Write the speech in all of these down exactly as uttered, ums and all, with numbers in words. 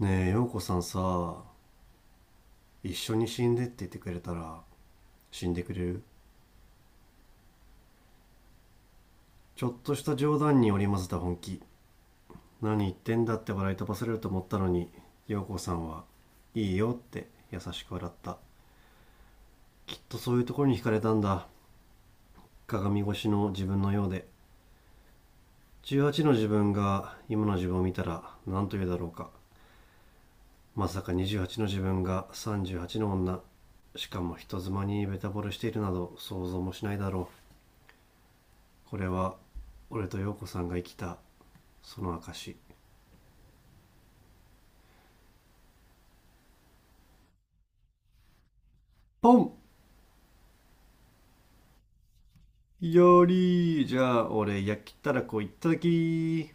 ねえ、陽子さんさ、一緒に死んでって言ってくれたら死んでくれる？ちょっとした冗談に織り交ぜた本気。何言ってんだって笑い飛ばされると思ったのに、陽子さんはいいよって優しく笑った。きっとそういうところに惹かれたんだ。鏡越しの自分のようで、じゅうはちの自分が今の自分を見たら何と言うだろうか。まさかにじゅうはちの自分がさんじゅうはちの女、しかも人妻にベタ惚れしているなど想像もしないだろう。これは俺と陽子さんが生きた、その証。ポン。よりじゃあ俺焼きたらこいただき。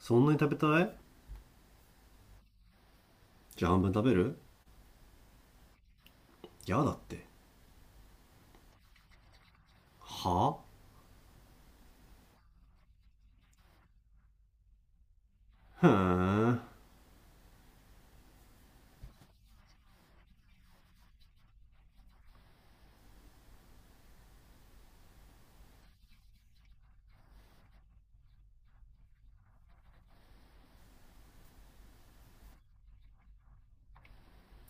そんなに食べたい？じゃあ半分食べる。やだって？はあ。ふーん。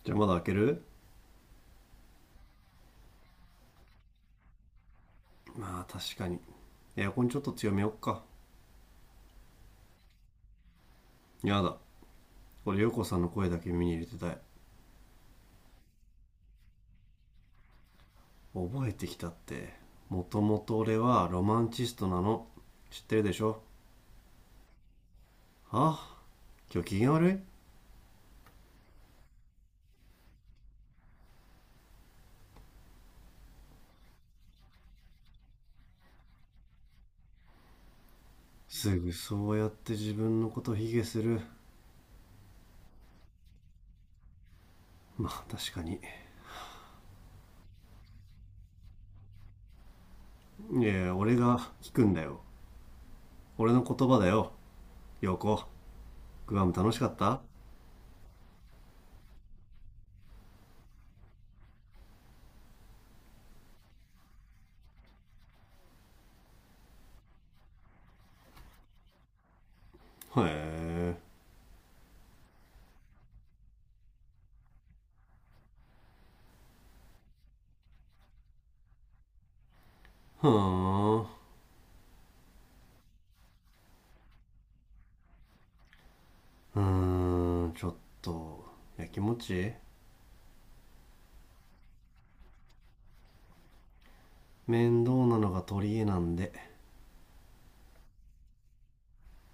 じゃあまだ開ける。まあ確かに。エアコンちょっと強めよっか。やだ。俺陽子さんの声だけ耳に入れてたい。覚えてきたって？もともと俺はロマンチストなの。知ってるでしょ？はあ。今日機嫌悪い？すぐそうやって自分のこと卑下する。まあ確かに。いやいや、俺が聞くんだよ。俺の言葉だよ。陽子、グアム楽しかった？へえ。ふーん、うーん。ちょっとやきもち。面倒なのが取り柄なんで。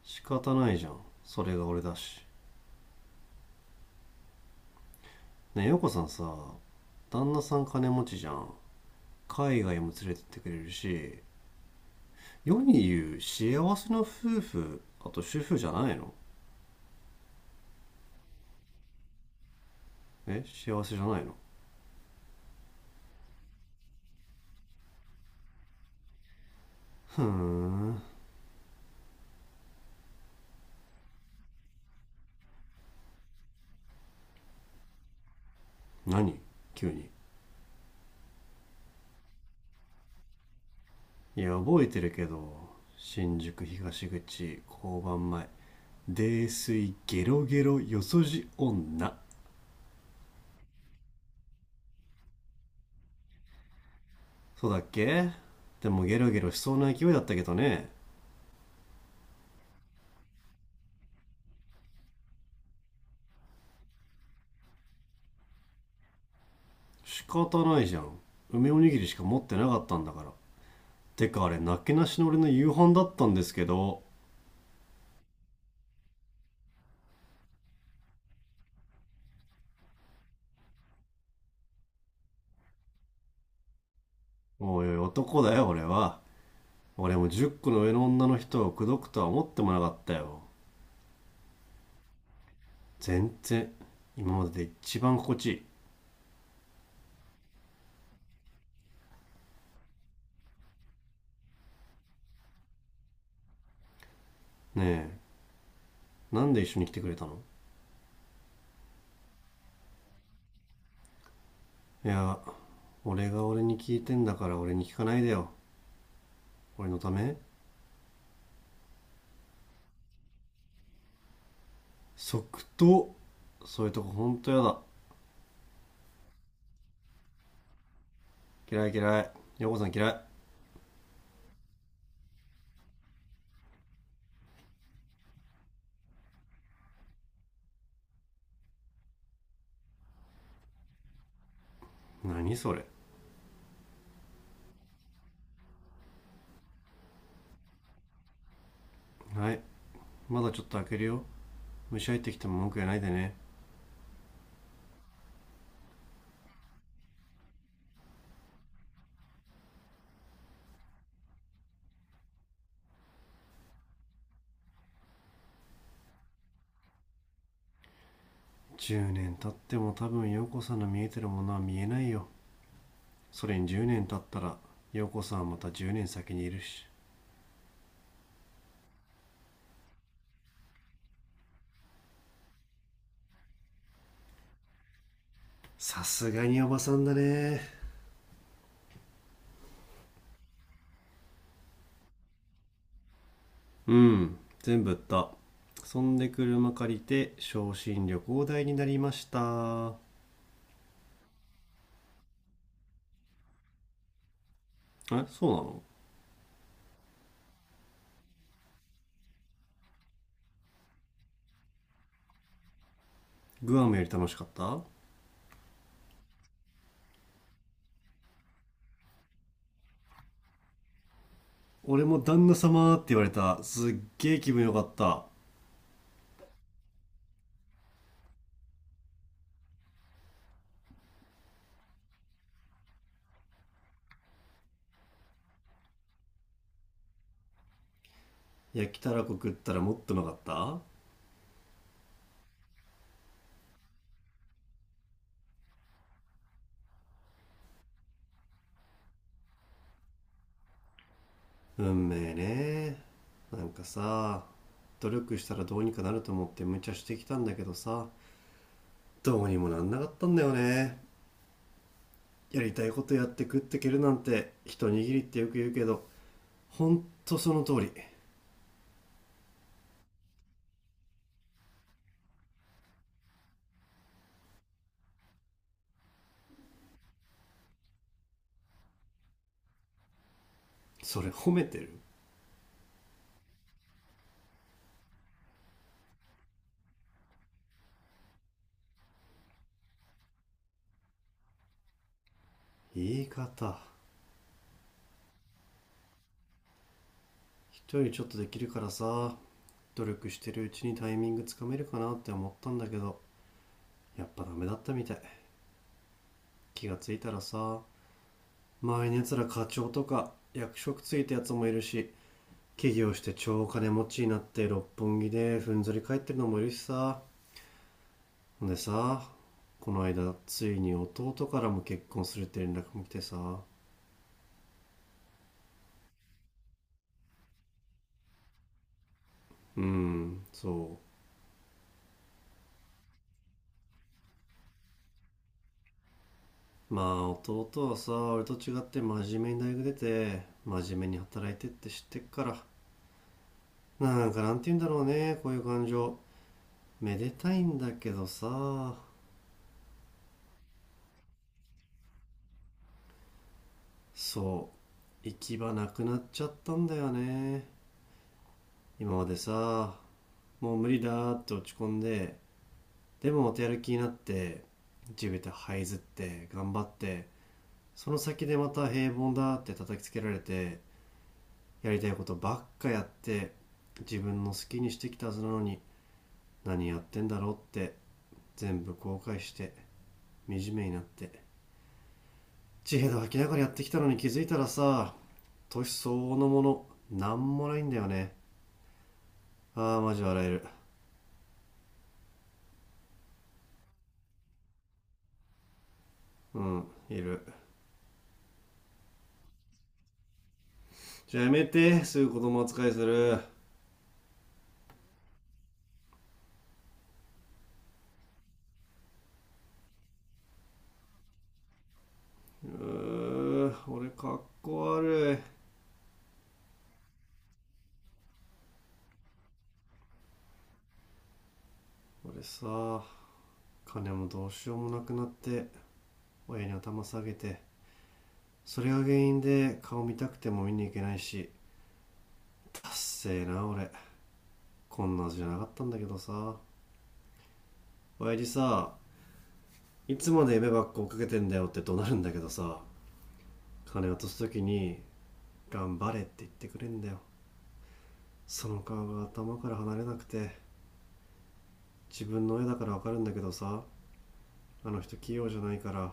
仕方ないじゃん。それが俺だし。ねえ、陽子さんさ、旦那さん金持ちじゃん。海外も連れてってくれるし、世に言う幸せな夫婦、あと主婦じゃないの？え、幸せじゃないの？ふーん。何、急に。いや覚えてるけど、新宿東口交番前、泥酔ゲロゲロよそじ女。そうだっけ？でもゲロゲロしそうな勢いだったけどね。仕方ないじゃん、梅おにぎりしか持ってなかったんだから。てかあれ、なけなしの俺の夕飯だったんですけど。おいおい、男だよ俺は。俺もじゅっこの上の女の人を口説くとは思ってもなかったよ。全然。今までで一番心地いい。ねえ、なんで一緒に来てくれたの？いや、俺が俺に聞いてんだから俺に聞かないでよ。俺のため？即答。そういうとこほんとやだ。嫌い嫌い、陽子さん嫌い。何それ。はい。まだちょっと開けるよ。虫入ってきても文句言わないでね。じゅうねん経っても多分陽子さんの見えてるものは見えないよ。それにじゅうねん経ったら陽子さんはまたじゅうねん先にいるし。さすがにおばさんだね。うん、全部売った。そんで車借りて昇進旅行代になりました。え、そうなの？グアムより楽しかった？俺も旦那様って言われたすっげえ気分よかった。焼きたらこ食ったらもっとうまかった。運命ね。なんかさ、努力したらどうにかなると思って無茶してきたんだけどさ、どうにもなんなかったんだよね。やりたいことやって食ってけるなんて一握りってよく言うけど、ほんとその通り。それ褒めてる？言い方。人よりちょっとできるからさ、努力してるうちにタイミングつかめるかなって思ったんだけど、やっぱダメだったみたい。気がついたらさ、周りのやつら課長とか役職ついたやつもいるし、起業して超金持ちになって六本木でふんぞり返ってるのもいるしさ。ほんでさ、この間ついに弟からも結婚するって連絡も来てさ。うん、そ。まあ、弟はさ、俺と違って真面目に大学出て真面目に働いてって知ってっから、なんか、なんて言うんだろうね、こういう感情。めでたいんだけどさ。そう、行き場なくなっちゃったんだよね。今までさ、もう無理だーって落ち込んで、でもまたやる気になって、地べた這いずって頑張って、その先でまた平凡だって叩きつけられて、やりたいことばっかやって、自分の好きにしてきたはずなのに何やってんだろうって全部後悔して、惨めになって、地平で吐きながらやってきたのに、気づいたらさ、年相応のものなんもないんだよね。ああマジ笑える。うん、いる。じゃあやめて、すぐ子供扱いするう。ー俺かっこ悪い。俺さ、金もどうしようもなくなって親に頭下げて、それが原因で顔見たくても見に行けないし、達成な俺、こんなはずじゃなかったんだけどさ。親父さ、いつまで夢ばっか追っかけてんだよって怒鳴るんだけどさ、金渡す時に「頑張れ」って言ってくれんだよ。その顔が頭から離れなくて、自分の親だからわかるんだけどさ、あの人器用じゃないから、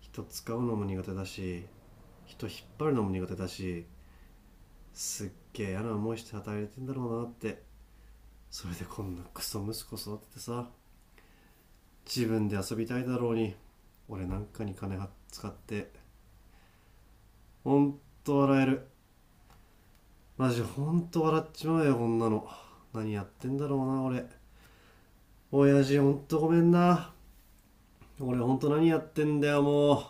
人使うのも苦手だし、人引っ張るのも苦手だし、すっげえ嫌な思いして働いてんだろうなって。それでこんなクソ息子育ててさ、自分で遊びたいだろうに俺なんかに金使って、ほんと笑える。マジほんと笑っちまうよこんなの。何やってんだろうな俺。親父ほんとごめんな。俺ほんと何やってんだよもう。